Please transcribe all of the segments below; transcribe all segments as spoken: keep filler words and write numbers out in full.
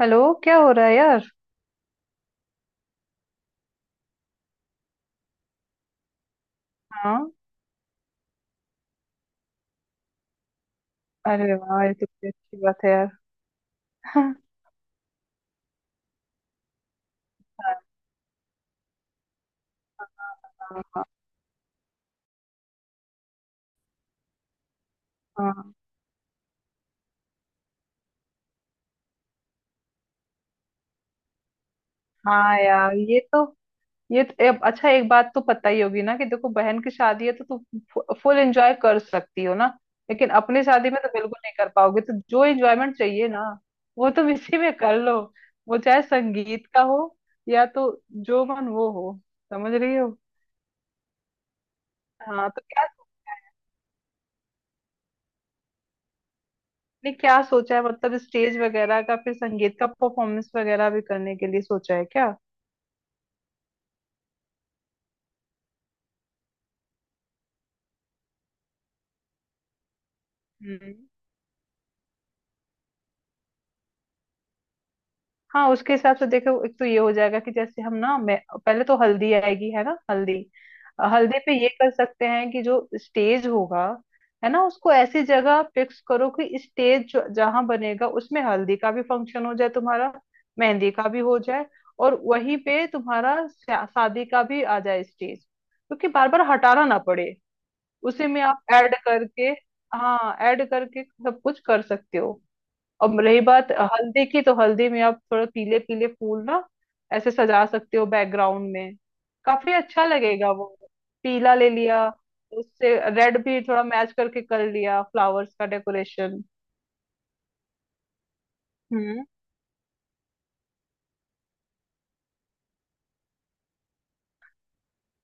Hello. क्या हो रहा है यार? हाँ। अरे वाह, ये तो बड़ी अच्छी बात है यार। हाँ हाँ। हाँ यार, ये तो ये तो, अब अच्छा, एक बात तो पता ही होगी ना कि देखो, बहन की शादी है तो तू फुल एंजॉय कर सकती हो ना। लेकिन अपनी शादी में तो बिल्कुल नहीं कर पाओगे, तो जो एंजॉयमेंट चाहिए ना, वो तुम इसी में कर लो। वो चाहे संगीत का हो या तो जो मन वो हो। समझ रही हो? हाँ तो क्या ने क्या सोचा है, मतलब स्टेज वगैरह का, फिर संगीत का परफॉर्मेंस वगैरह भी करने के लिए सोचा है क्या? हम्म। हाँ, उसके हिसाब से देखो, एक तो ये हो जाएगा कि जैसे हम ना मैं पहले तो हल्दी आएगी, है ना, हल्दी। अ, हल्दी पे ये कर सकते हैं कि जो स्टेज होगा है ना, उसको ऐसी जगह फिक्स करो कि स्टेज जहाँ बनेगा उसमें हल्दी का भी फंक्शन हो जाए तुम्हारा, मेहंदी का भी हो जाए। और वहीं पे तुम्हारा शा- शादी का भी आ जाए स्टेज, क्योंकि बार बार हटाना ना पड़े। उसी में आप ऐड करके, हाँ, ऐड करके सब कुछ कर सकते हो। अब रही बात हल्दी की, तो हल्दी में आप थोड़ा पीले पीले फूल ना ऐसे सजा सकते हो बैकग्राउंड में। काफी अच्छा लगेगा वो। पीला ले लिया, उससे रेड भी थोड़ा मैच करके कर लिया फ्लावर्स का डेकोरेशन।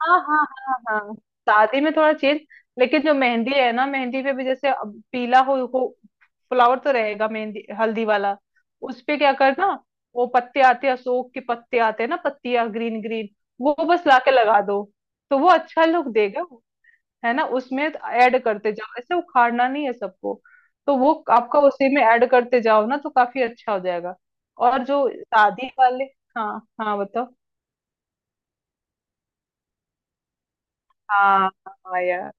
हाँ हाँ हाँ हाँ। शादी में थोड़ा चेंज। लेकिन जो मेहंदी है ना, मेहंदी पे भी जैसे अब पीला हो, हो फ्लावर तो रहेगा, मेहंदी हल्दी वाला। उस पे क्या करना? वो पत्ते आते हैं, अशोक के पत्ते आते हैं ना, पत्तियां ग्रीन ग्रीन। वो बस लाके लगा दो तो वो अच्छा लुक देगा। है ना, उसमें ऐड करते जाओ, ऐसे उखाड़ना नहीं है सबको। तो वो आपका उसी में ऐड करते जाओ ना, तो काफी अच्छा हो जाएगा। और जो शादी वाले, हाँ हाँ बताओ, हाँ हाँ यार।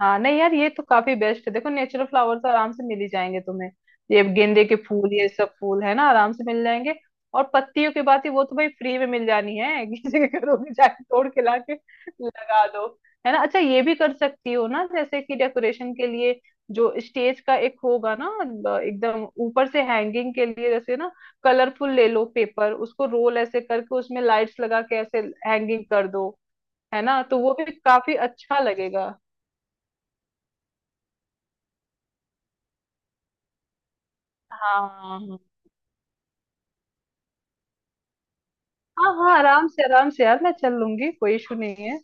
हाँ नहीं यार, ये तो काफी बेस्ट है, देखो नेचुरल फ्लावर तो आराम से मिल ही जाएंगे तुम्हें। ये गेंदे के फूल, ये सब फूल है ना, आराम से मिल जाएंगे। और पत्तियों की बात ही, वो तो भाई फ्री में मिल जानी है। किसी के घरों में जाके तोड़ के लाके लगा दो। है ना, अच्छा ये भी कर सकती हो ना, जैसे कि डेकोरेशन के लिए जो स्टेज का एक होगा ना, ब- एकदम ऊपर से हैंगिंग के लिए जैसे ना, कलरफुल ले लो पेपर, उसको रोल ऐसे करके उसमें लाइट्स लगा के ऐसे हैंगिंग कर दो। है ना, तो वो भी काफी अच्छा लगेगा। हाँ हाँ हाँ हाँ, आराम से आराम से यार, मैं चल लूंगी, कोई इशू नहीं है।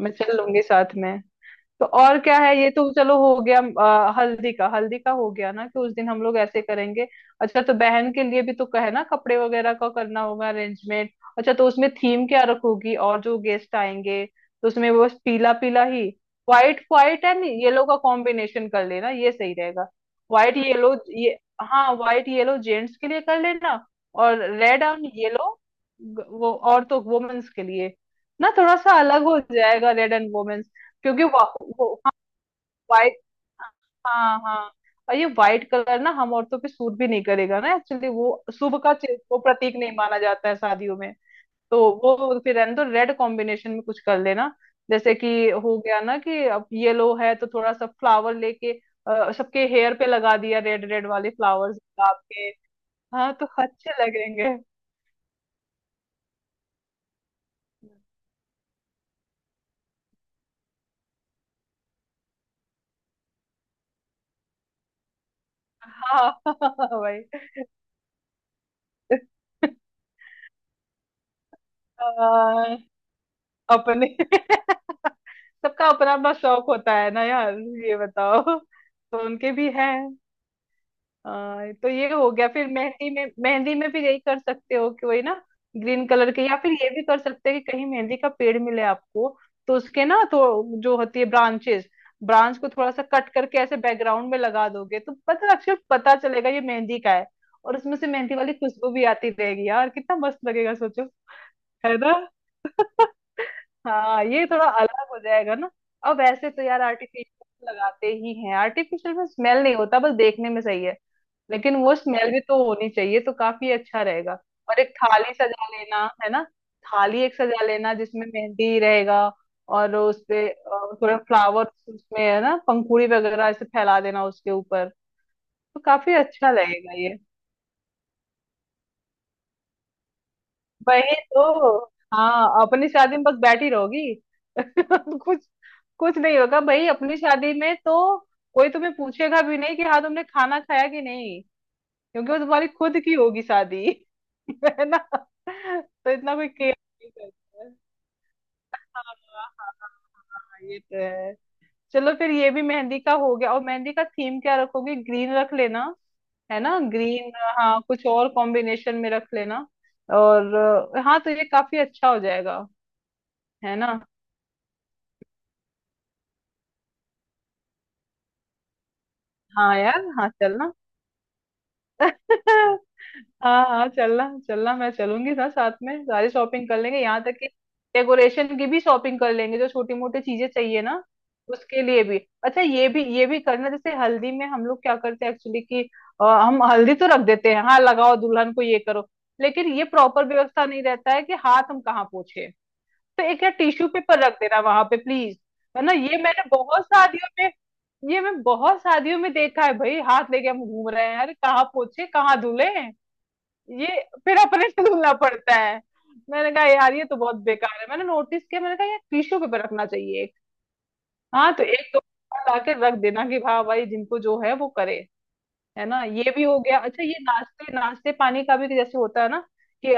मैं चल लूंगी साथ में। तो और क्या है, ये तो चलो हो गया, अ, हल्दी का हल्दी का हो गया ना कि उस दिन हम लोग ऐसे करेंगे। अच्छा, तो बहन के लिए भी तो कहे ना, कपड़े वगैरह का करना होगा अरेंजमेंट। अच्छा, तो उसमें थीम क्या रखोगी और जो गेस्ट आएंगे, तो उसमें वो बस पीला पीला ही, व्हाइट व्हाइट एंड येलो का कॉम्बिनेशन कर लेना, ये सही रहेगा। व्हाइट येलो ये, हाँ, व्हाइट येलो जेंट्स के लिए कर लेना। और रेड एंड येलो, वो और तो वुमेन्स के लिए ना, थोड़ा सा अलग हो जाएगा, रेड एंड वुमेन्स। क्योंकि वा, वो, हाँ, व्हाइट, हाँ हाँ। और ये व्हाइट कलर ना हम औरतों पे सूट भी नहीं करेगा ना, एक्चुअली वो शुभ का चि- वो प्रतीक नहीं माना जाता है शादियों में। तो वो फिर रहने दो, रेड कॉम्बिनेशन में कुछ कर लेना। जैसे कि हो गया ना कि अब येलो है, तो थोड़ा सा फ्लावर लेके अ, सबके हेयर पे लगा दिया रेड रेड वाले फ्लावर्स, गुलाब के। हाँ तो अच्छे लगेंगे। हाँ। भाई अपने सबका अपना अपना शौक होता है ना यार। ये बताओ, तो उनके भी है। आ, तो ये हो गया, फिर मेहंदी में मेहंदी में भी यही कर सकते हो कि वही ना, ग्रीन कलर के, या फिर ये भी कर सकते हैं कि कहीं मेहंदी का पेड़ मिले आपको, तो उसके ना तो जो होती है ब्रांचेस। ब्रांच को थोड़ा सा कट करके ऐसे बैकग्राउंड में लगा दोगे तो पता अच्छे पता चलेगा ये मेहंदी का है। और उसमें से मेहंदी वाली खुशबू भी आती रहेगी यार, कितना मस्त लगेगा, सोचो। है ना। हाँ, ये थोड़ा अलग हो जाएगा ना। अब वैसे तो यार आर्टिफिशियल लगाते ही हैं, आर्टिफिशियल में स्मेल नहीं होता, बस देखने में सही है। लेकिन वो स्मेल भी तो होनी चाहिए, तो काफी अच्छा रहेगा। और एक थाली सजा लेना, है ना, थाली एक सजा लेना जिसमें मेहंदी रहेगा। और उसपे अ, थोड़ा फ्लावर उसमें, है ना, पंखुड़ी वगैरह ऐसे फैला देना उसके ऊपर। तो काफी अच्छा लगेगा ये। वही तो। हाँ, अपनी शादी में बस बैठी रहोगी। कुछ कुछ नहीं होगा भाई, अपनी शादी में तो कोई तुम्हें पूछेगा भी नहीं कि हाँ तुमने खाना खाया कि नहीं। क्योंकि वो तुम्हारी खुद की होगी शादी। है ना, तो इतना कोई केयर नहीं करता है। हाँ हाँ हाँ हाँ, ये तो है। चलो फिर, ये भी मेहंदी का हो गया, और मेहंदी का थीम क्या रखोगी, ग्रीन रख लेना। है ना, ग्रीन, हाँ, कुछ और कॉम्बिनेशन में रख लेना। और अ, हाँ, तो ये काफी अच्छा हो जाएगा। है ना। हाँ यार, हाँ चलना। हाँ हाँ, चलना चलना, मैं चलूंगी ना साथ में, सारी शॉपिंग कर लेंगे, यहाँ तक कि डेकोरेशन की भी शॉपिंग कर लेंगे, जो छोटी मोटी चीजें चाहिए ना उसके लिए भी। अच्छा, ये भी ये भी करना, जैसे हल्दी में हम लोग क्या करते हैं एक्चुअली कि अ, हम हल्दी तो रख देते हैं, हाँ लगाओ दुल्हन को, ये करो। लेकिन ये प्रॉपर व्यवस्था नहीं रहता है कि हाथ हम कहाँ पोंछे। तो एक यार टिश्यू पेपर रख देना वहां पे प्लीज। है ना, ये मैंने बहुत शादियों में ये मैं बहुत शादियों में देखा है भाई, हाथ लेके हम घूम रहे हैं, अरे कहाँ पोछे, कहाँ धुले। ये फिर अपने से धुलना पड़ता है। मैंने कहा यार, ये तो बहुत बेकार है, मैंने नोटिस किया, मैंने कहा यार टिश्यू पेपर रखना चाहिए एक। हाँ तो एक दो लाके रख देना कि हाँ भाई, जिनको जो है वो करे। है ना, ये भी हो गया। अच्छा, ये नाश्ते नाश्ते पानी का भी जैसे होता है ना, कि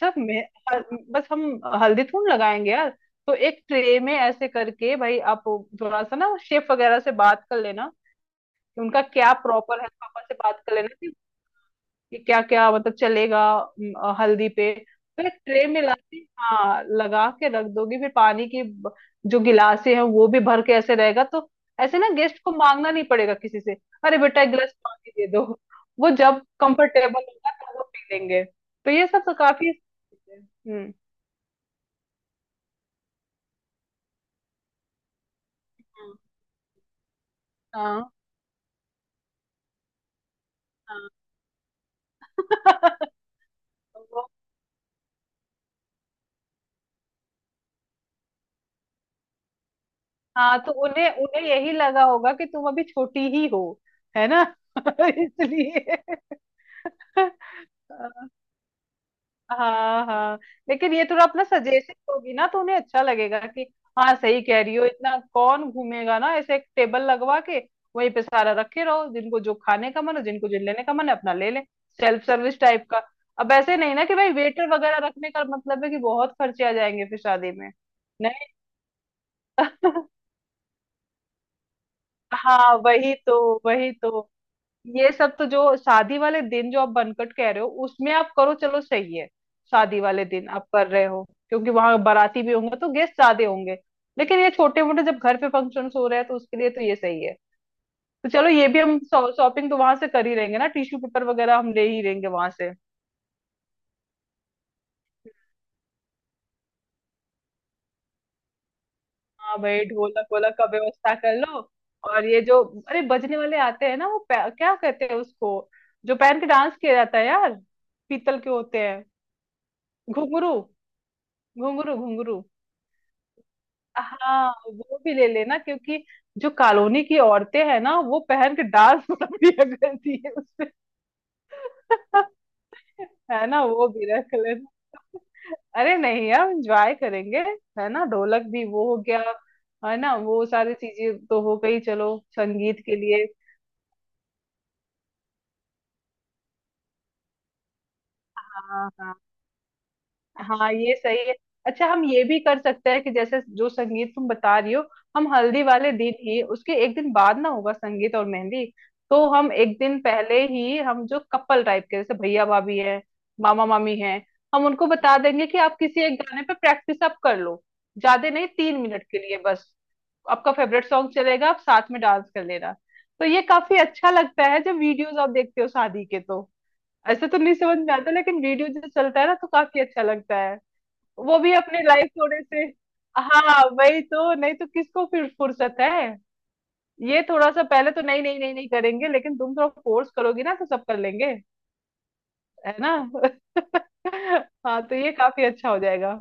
सब मे- हल- बस हम हल्दी थूम लगाएंगे यार, तो एक ट्रे में ऐसे करके भाई आप थोड़ा सा ना शेफ वगैरह से बात कर लेना कि उनका क्या प्रॉपर है, पापा से बात कर लेना कि, कि क्या क्या मतलब चलेगा म, अ, हल्दी पे, फिर ट्रे में ला के हाँ लगा के रख दोगी, फिर पानी की ब- जो गिलासे हैं वो भी भर के ऐसे रहेगा, तो ऐसे ना गेस्ट को मांगना नहीं पड़ेगा किसी से, अरे बेटा एक गिलास पानी दे दो। वो जब कंफर्टेबल होगा तब वो पी लेंगे। तो ये सब तो काफी। हम्म, हाँ हाँ, हाँ। हाँ तो उन्हें उन्हें यही लगा होगा कि तुम अभी छोटी ही हो। है ना, इसलिए। हाँ हाँ, लेकिन ये थोड़ा अपना सजेशन होगी ना तो उन्हें अच्छा लगेगा कि हाँ सही कह रही हो, इतना कौन घूमेगा ना, ऐसे एक टेबल लगवा के वहीं पे सारा रखे रहो, जिनको जो खाने का मन है, जिनको जो लेने का मन है, अपना ले ले। सेल्फ सर्विस टाइप का। अब ऐसे नहीं ना कि भाई वेटर वगैरह रखने का मतलब है कि बहुत खर्चे आ जाएंगे फिर शादी में। नहीं। हाँ वही तो, वही तो। ये सब तो जो शादी वाले दिन, जो आप बनकट कह रहे हो उसमें आप करो, चलो सही है। शादी वाले दिन आप कर रहे हो, क्योंकि वहां बाराती भी होंगे तो गेस्ट ज्यादा होंगे। लेकिन ये छोटे मोटे जब घर पे फंक्शन हो रहे हैं तो उसके लिए तो ये सही है। तो चलो, ये भी हम शॉपिंग तो वहां से कर ही रहेंगे ना, टिश्यू पेपर वगैरह हम ले ही लेंगे वहां से। हाँ भाई, ढोलक वोलक का व्यवस्था कर लो। और ये जो, अरे बजने वाले आते हैं ना, वो पै- क्या कहते हैं उसको, जो पहन के डांस किया जाता है यार, पीतल के होते हैं, घुंघरू, घुंघरू घुंघरू। हाँ, वो भी ले लेना, क्योंकि जो कॉलोनी की औरतें हैं ना, वो पहन के डांस कर दिया करती है उसपे। है ना, वो भी रख लेना। अरे नहीं यार, एंजॉय करेंगे। है ना, ढोलक भी वो हो गया। है ना, वो सारी चीजें तो हो गई, चलो संगीत के लिए। हाँ हाँ हाँ, ये सही है। अच्छा, हम ये भी कर सकते हैं कि जैसे जो संगीत तुम बता रही हो, हम हल्दी वाले दिन ही, उसके एक दिन बाद ना होगा संगीत और मेहंदी। तो हम एक दिन पहले ही हम जो कपल टाइप के, जैसे भैया भाभी हैं, मामा मामी हैं, हम उनको बता देंगे कि आप किसी एक गाने पे प्रैक्टिस आप कर लो। ज्यादा नहीं, तीन मिनट के लिए बस। आपका फेवरेट सॉन्ग चलेगा, आप साथ में डांस कर लेना। तो ये काफी अच्छा लगता है, जब वीडियोस आप देखते हो शादी के, तो ऐसे तो नहीं समझ में आता लेकिन वीडियो जो चलता है ना, तो काफी अच्छा लगता। वो भी अपनी लाइफ थोड़े से। हाँ वही तो, नहीं तो किसको फिर फुर्सत है। ये थोड़ा सा पहले तो नहीं नहीं नहीं नहीं करेंगे, लेकिन तुम थोड़ा फोर्स करोगी ना तो सब कर लेंगे। है ना। हाँ, तो ये काफी अच्छा हो जाएगा।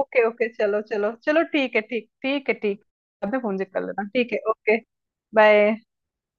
ओके ओके, चलो चलो चलो, ठीक है, ठीक, ठीक है, ठीक। बाद में फोन चेक कर लेना, ठीक है, ओके। बाय।